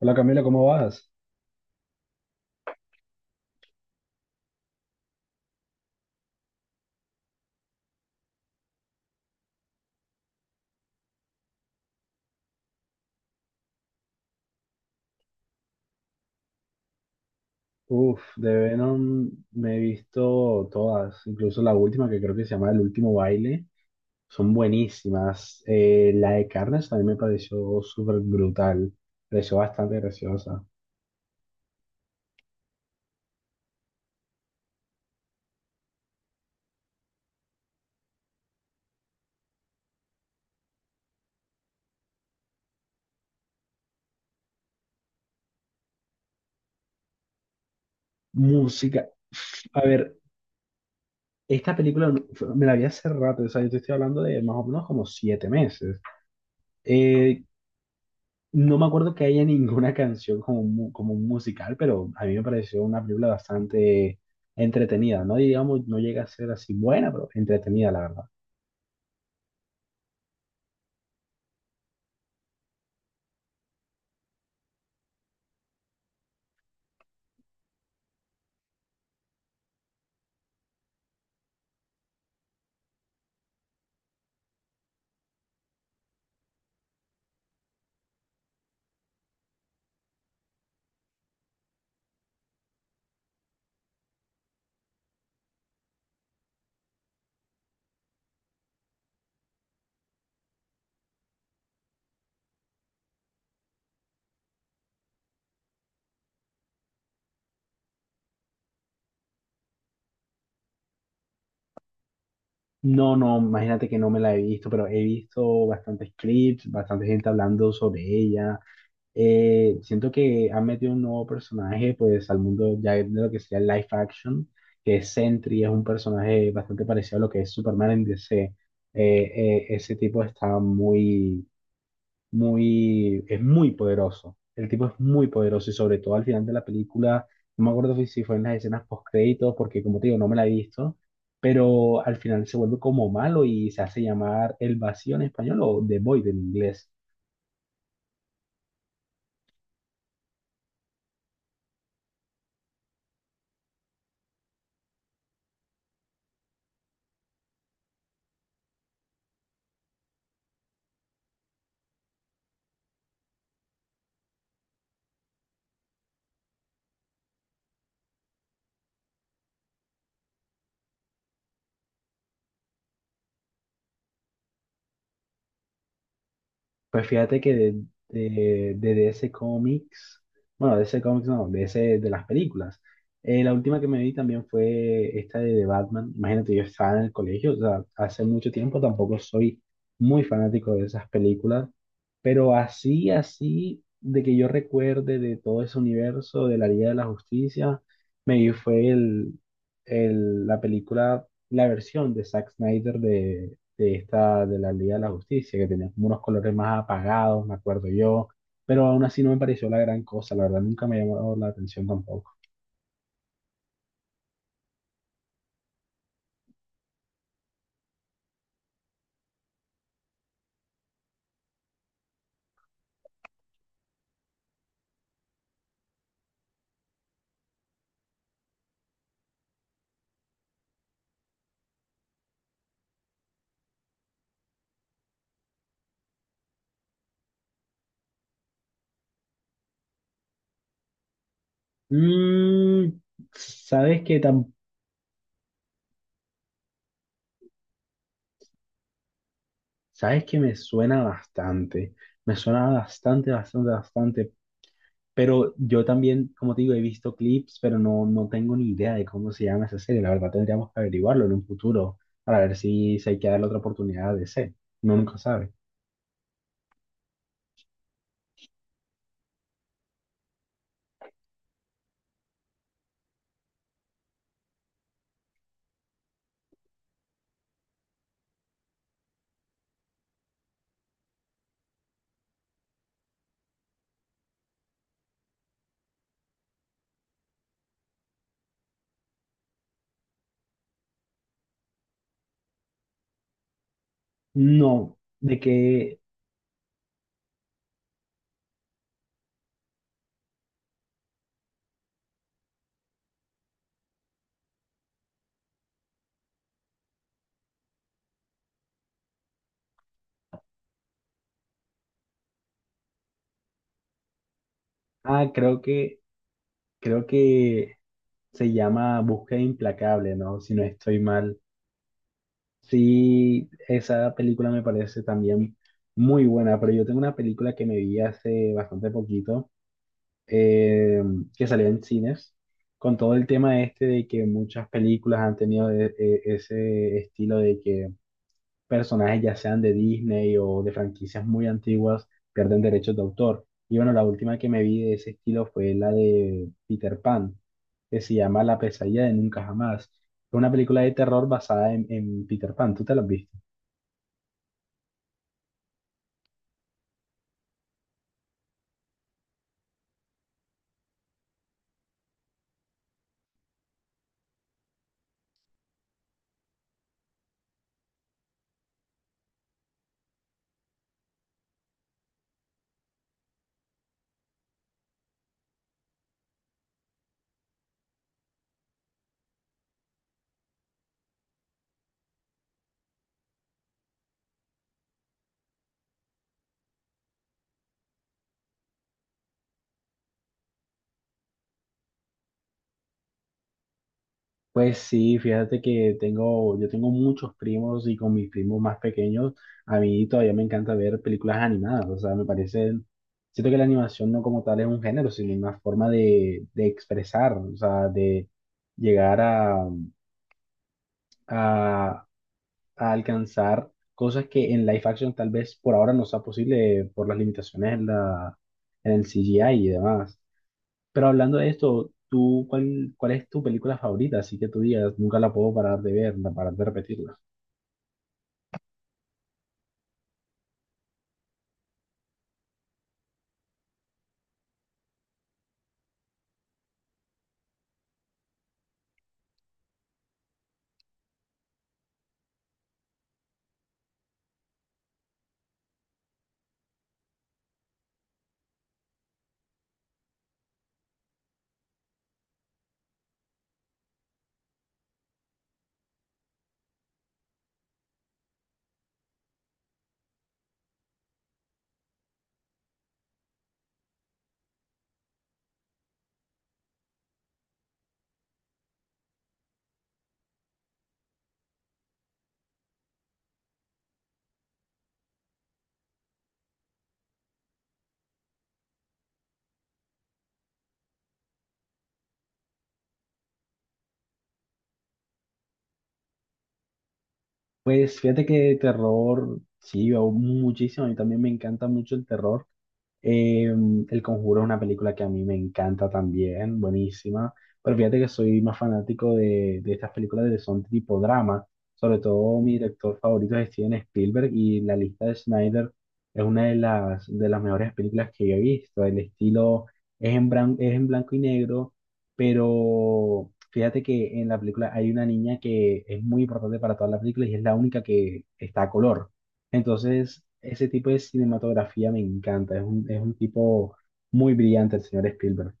Hola Camila, ¿cómo vas? Uf, de Venom me he visto todas, incluso la última que creo que se llama El Último Baile, son buenísimas. La de Carnage también me pareció súper brutal, pareció bastante graciosa. Música, a ver, esta película no- fue- me la vi hace rato, o sea, yo te estoy hablando de más o menos como siete meses. Eh, No me acuerdo que haya ninguna canción como como un musical, pero a mí me pareció una película bastante entretenida, ¿no? Digamos, no llega a ser así buena, pero entretenida, la verdad. No, no, imagínate que no me la he visto, pero he visto bastantes clips, bastante gente hablando sobre ella. Siento que han metido un nuevo personaje, pues, al mundo ya de lo que sería el live action, que es Sentry, es un personaje bastante parecido a lo que es Superman en DC. Ese tipo está es muy poderoso. El tipo es muy poderoso y sobre todo al final de la película, no me acuerdo si fue en las escenas post créditos, porque como te digo, no me la he visto, pero al final se vuelve como malo y se hace llamar El Vacío en español o The Void en inglés. Pues fíjate que de DC Comics, bueno, de DC Comics no, de ese, de las películas. La última que me vi también fue esta de The Batman. Imagínate, yo estaba en el colegio, o sea, hace mucho tiempo tampoco soy muy fanático de esas películas, pero así, así, de que yo recuerde de todo ese universo, de la Liga de la Justicia, me vi fue el- la película, la versión de Zack Snyder de esta, de la Liga de la Justicia, que tenía como unos colores más apagados, me acuerdo yo, pero aún así no me pareció la gran cosa, la verdad nunca me llamó la atención tampoco. Mm, ¿sabes qué tam ¿Sabes que me suena bastante? Me suena bastante, bastante, bastante, pero yo también, como te digo, he visto clips, pero no, no tengo ni idea de cómo se llama esa serie, la verdad tendríamos que averiguarlo en un futuro para ver si se hay que darle otra oportunidad de ser, uno nunca sabe. No, de que, ah, Creo que se llama Búsqueda Implacable, ¿no? Si no estoy mal. Sí, esa película me parece también muy buena, pero yo tengo una película que me vi hace bastante poquito, eh, que salió en cines, con todo el tema este de que muchas películas han tenido ese estilo de que personajes, ya sean de Disney o de franquicias muy antiguas, pierden derechos de autor. Y bueno, la última que me vi de ese estilo fue la de Peter Pan, que se llama La pesadilla de nunca jamás. Fue una película de terror basada en Peter Pan. ¿Tú te la has visto? Pues sí, fíjate que tengo, yo tengo muchos primos y con mis primos más pequeños, a mí todavía me encanta ver películas animadas, o sea, me parece, siento que la animación no como tal es un género, sino una forma de expresar, o sea, de llegar a, a alcanzar cosas que en live action tal vez por ahora no sea posible por las limitaciones en el CGI y demás. Pero hablando de esto, ¿tú cuál es tu película favorita? Así que tú digas, nunca la puedo parar de ver, no parar de repetirla. Pues fíjate que terror, sí, veo muchísimo. A mí también me encanta mucho el terror. Eh, El Conjuro es una película que a mí me encanta también, buenísima. Pero fíjate que soy más fanático de estas películas de son tipo drama. Sobre todo mi director favorito es Steven Spielberg y la lista de Snyder es una de las mejores películas que yo he visto. El estilo es en blanco y negro, pero fíjate que en la película hay una niña que es muy importante para toda la película y es la única que está a color. Entonces, ese tipo de cinematografía me encanta, es un tipo muy brillante el señor Spielberg.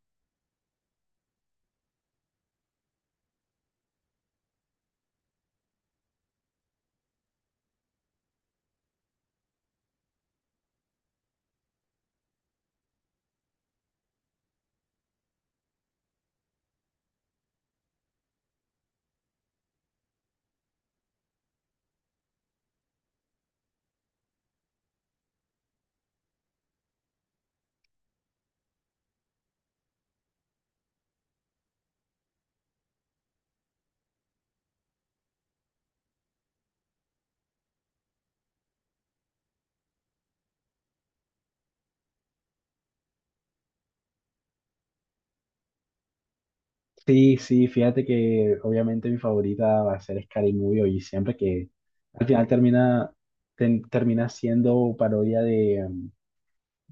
Sí, sí, fíjate que obviamente mi favorita va a ser Scary Movie y siempre que al final termina siendo parodia de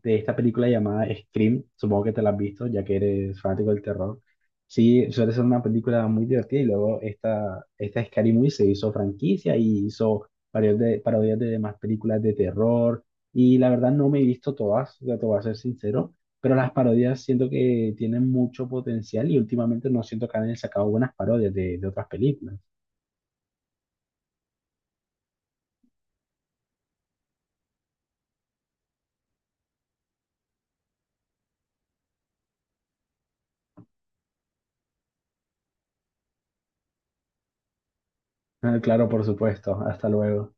de esta película llamada Scream, supongo que te la has visto, ya que eres fanático del terror. Sí, suele ser una película muy divertida y luego esta Scary Movie se hizo franquicia y hizo varios parodias de demás películas de terror y la verdad no me he visto todas, ya te voy a ser sincero, pero las parodias siento que tienen mucho potencial y últimamente no siento que hayan sacado buenas parodias de otras películas. Ah, claro, por supuesto. Hasta luego.